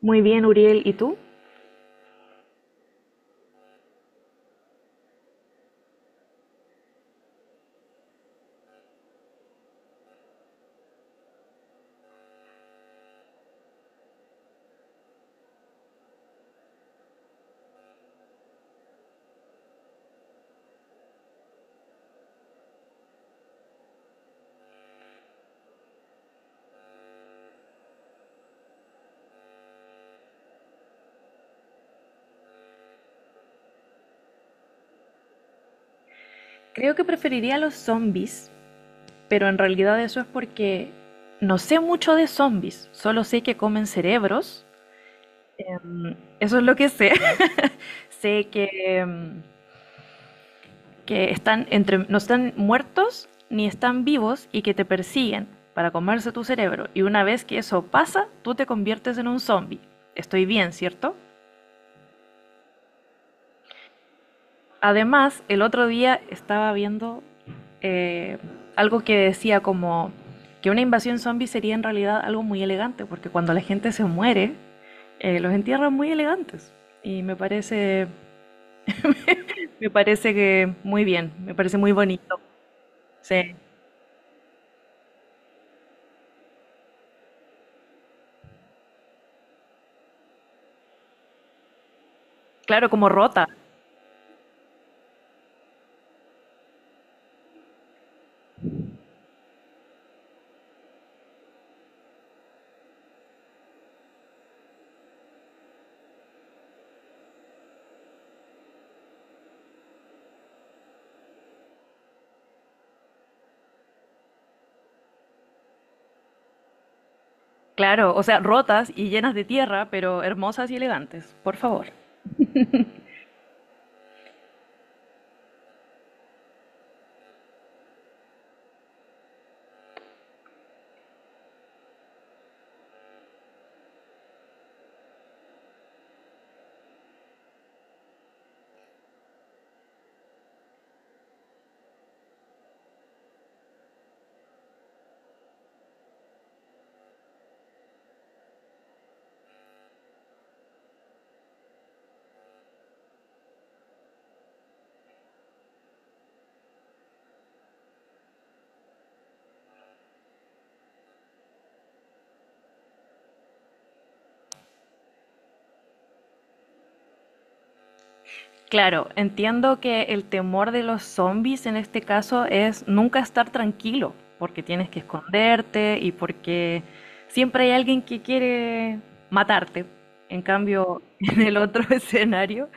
Muy bien, Uriel, ¿y tú? Creo que preferiría los zombies, pero en realidad eso es porque no sé mucho de zombies, solo sé que comen cerebros. Mm. Eso es lo que sé. Sé que, que están entre, no están muertos ni están vivos y que te persiguen para comerse tu cerebro. Y una vez que eso pasa, tú te conviertes en un zombie. Estoy bien, ¿cierto? Además, el otro día estaba viendo eh, algo que decía como que una invasión zombie sería en realidad algo muy elegante, porque cuando la gente se muere, los entierran muy elegantes. Y me parece que muy bien, me parece muy bonito. Sí. Claro, como rota, claro, o sea, rotas y llenas de tierra, pero hermosas y elegantes, por favor. Claro, entiendo que el temor de los zombies en este caso es nunca estar tranquilo, porque tienes que esconderte y porque siempre hay alguien que quiere matarte. En cambio, en el otro escenario,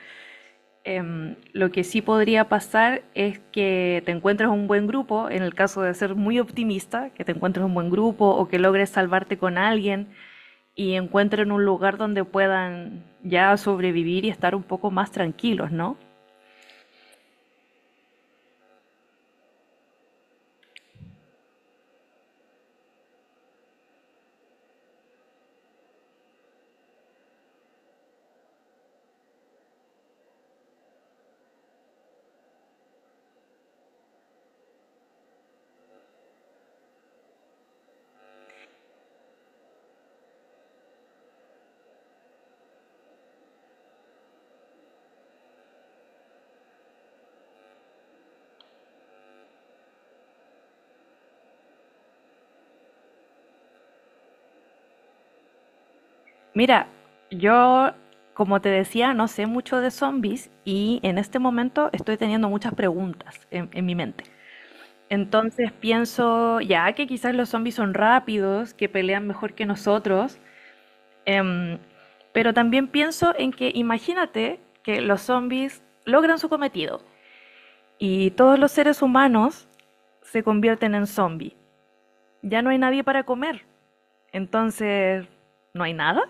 lo que sí podría pasar es que te encuentres un buen grupo, en el caso de ser muy optimista, que te encuentres un buen grupo o que logres salvarte con alguien y encuentren un lugar donde puedan ya sobrevivir y estar un poco más tranquilos, ¿no? Mira, yo, como te decía, no sé mucho de zombies y en este momento estoy teniendo muchas preguntas en mi mente. Entonces pienso, ya que quizás los zombies son rápidos, que pelean mejor que nosotros, em, pero también pienso en que imagínate que los zombies logran su cometido y todos los seres humanos se convierten en zombies. Ya no hay nadie para comer. Entonces, no hay nada.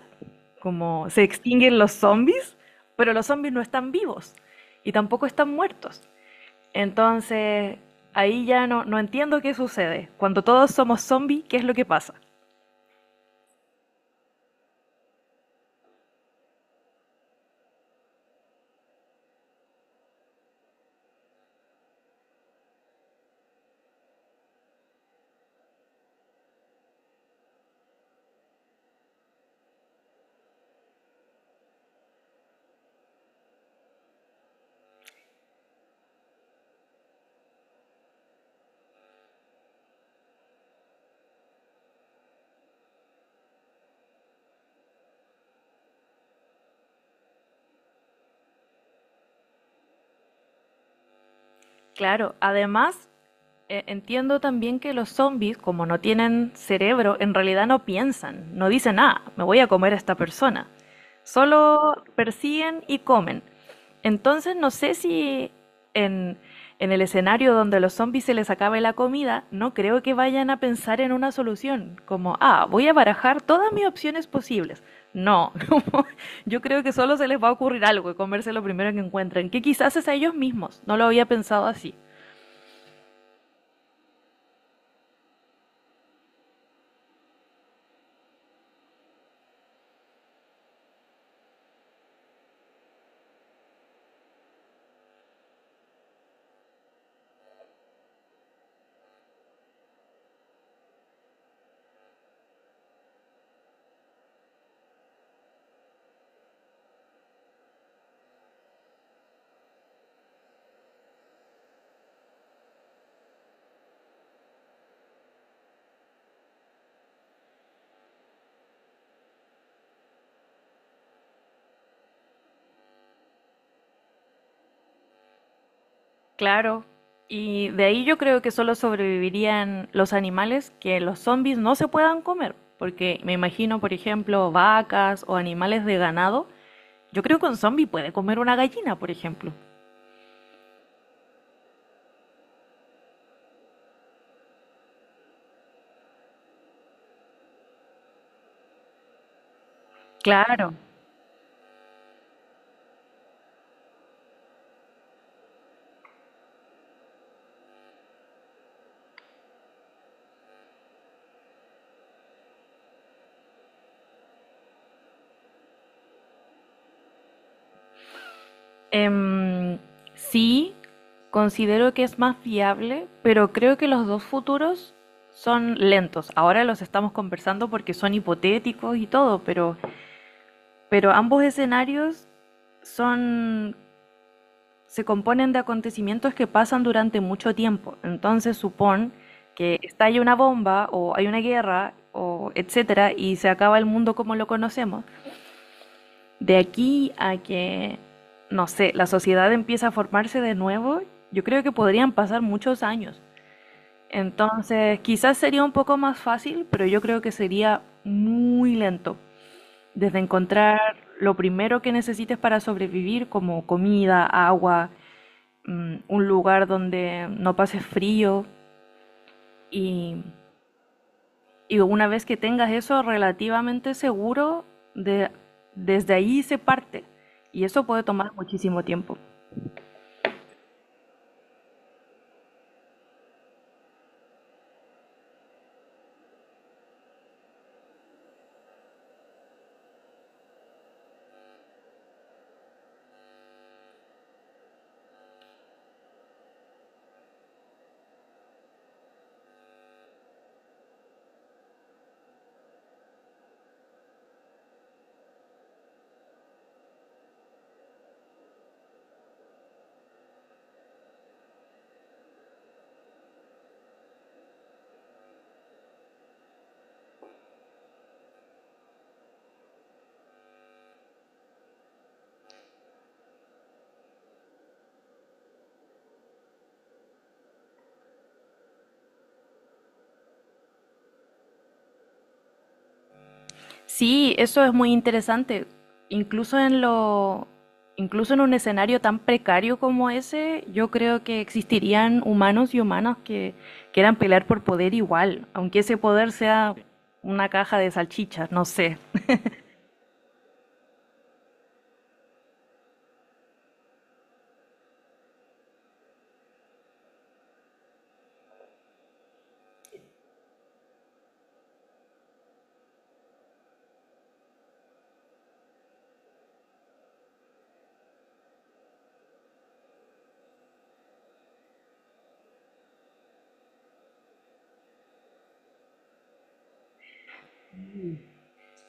Como se extinguen los zombies, pero los zombies no están vivos y tampoco están muertos. Entonces, ahí ya no, no entiendo qué sucede. Cuando todos somos zombies, ¿qué es lo que pasa? Claro, además entiendo también que los zombies, como no tienen cerebro, en realidad no piensan, no dicen, ah, me voy a comer a esta persona. Solo persiguen y comen. Entonces no sé si en, en el escenario donde los zombies se les acabe la comida, no creo que vayan a pensar en una solución, como, ah, voy a barajar todas mis opciones posibles. No, como, yo creo que solo se les va a ocurrir algo y comerse lo primero que encuentren, que quizás es a ellos mismos, no lo había pensado así. Claro, y de ahí yo creo que solo sobrevivirían los animales que los zombies no se puedan comer, porque me imagino, por ejemplo, vacas o animales de ganado. Yo creo que un zombie puede comer una gallina, por ejemplo. Claro. Em, sí, considero que es más viable, pero creo que los dos futuros son lentos. Ahora los estamos conversando porque son hipotéticos y todo, pero ambos escenarios son se componen de acontecimientos que pasan durante mucho tiempo. Entonces supón que estalla una bomba o hay una guerra o etcétera y se acaba el mundo como lo conocemos. De aquí a que, no sé, la sociedad empieza a formarse de nuevo, yo creo que podrían pasar muchos años. Entonces, quizás sería un poco más fácil, pero yo creo que sería muy lento. Desde encontrar lo primero que necesites para sobrevivir, como comida, agua, un lugar donde no pase frío y, una vez que tengas eso relativamente seguro, de, desde ahí se parte y eso puede tomar muchísimo tiempo. Sí, eso es muy interesante. Incluso incluso en un escenario tan precario como ese, yo creo que existirían humanos y humanas que quieran pelear por poder igual, aunque ese poder sea una caja de salchichas, no sé.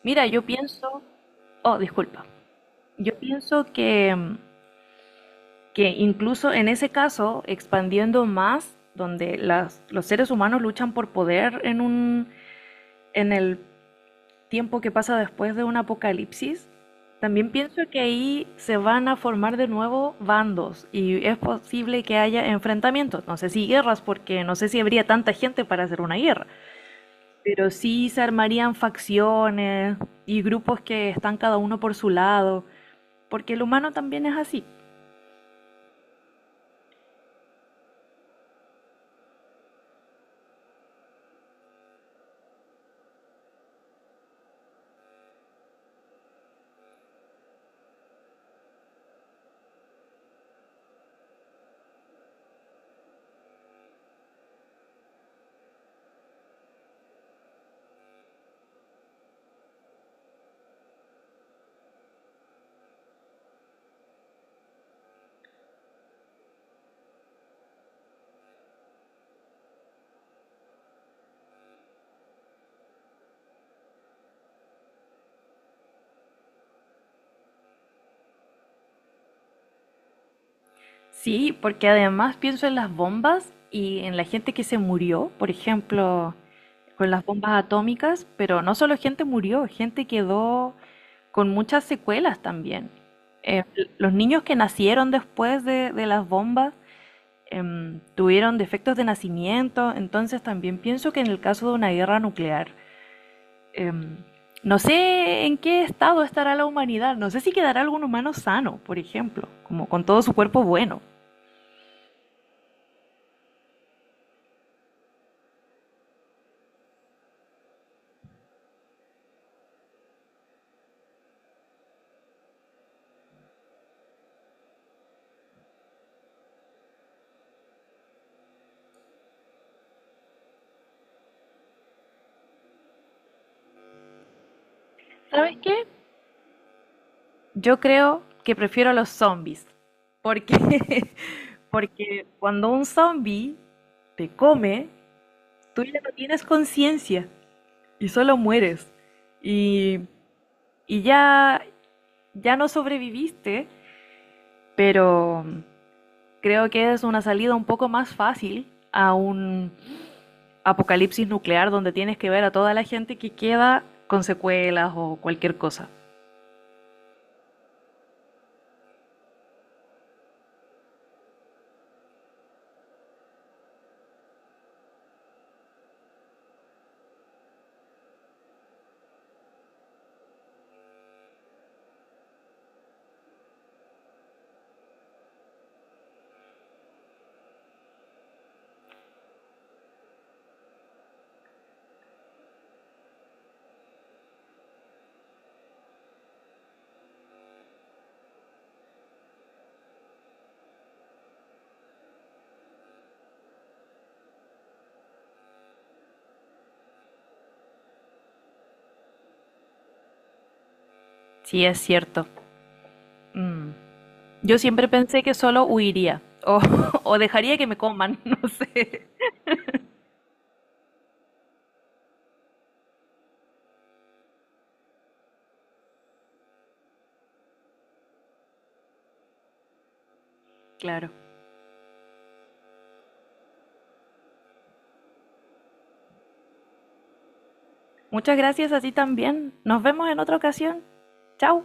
Mira, yo pienso, oh, disculpa. Yo pienso que incluso en ese caso, expandiendo más, donde los seres humanos luchan por poder en el tiempo que pasa después de un apocalipsis, también pienso que ahí se van a formar de nuevo bandos y es posible que haya enfrentamientos. No sé si guerras, porque no sé si habría tanta gente para hacer una guerra, pero sí se armarían facciones y grupos que están cada uno por su lado, porque el humano también es así. Sí, porque además pienso en las bombas y en la gente que se murió, por ejemplo, con las bombas atómicas, pero no solo gente murió, gente quedó con muchas secuelas también. Eh, los niños que nacieron después de las bombas tuvieron defectos de nacimiento, entonces también pienso que en el caso de una guerra nuclear, em, no sé en qué estado estará la humanidad, no sé si quedará algún humano sano, por ejemplo, como con todo su cuerpo bueno. ¿Sabes qué? Yo creo que prefiero los zombies, porque, porque cuando un zombie te come, tú ya no tienes conciencia y solo mueres. Y, ya, ya no sobreviviste, pero creo que es una salida un poco más fácil a un apocalipsis nuclear donde tienes que ver a toda la gente que queda con secuelas o cualquier cosa. Sí, es cierto. Mm. Yo siempre pensé que solo huiría o, o dejaría que me coman, no sé. Claro. Muchas gracias a ti también. Nos vemos en otra ocasión. Chao.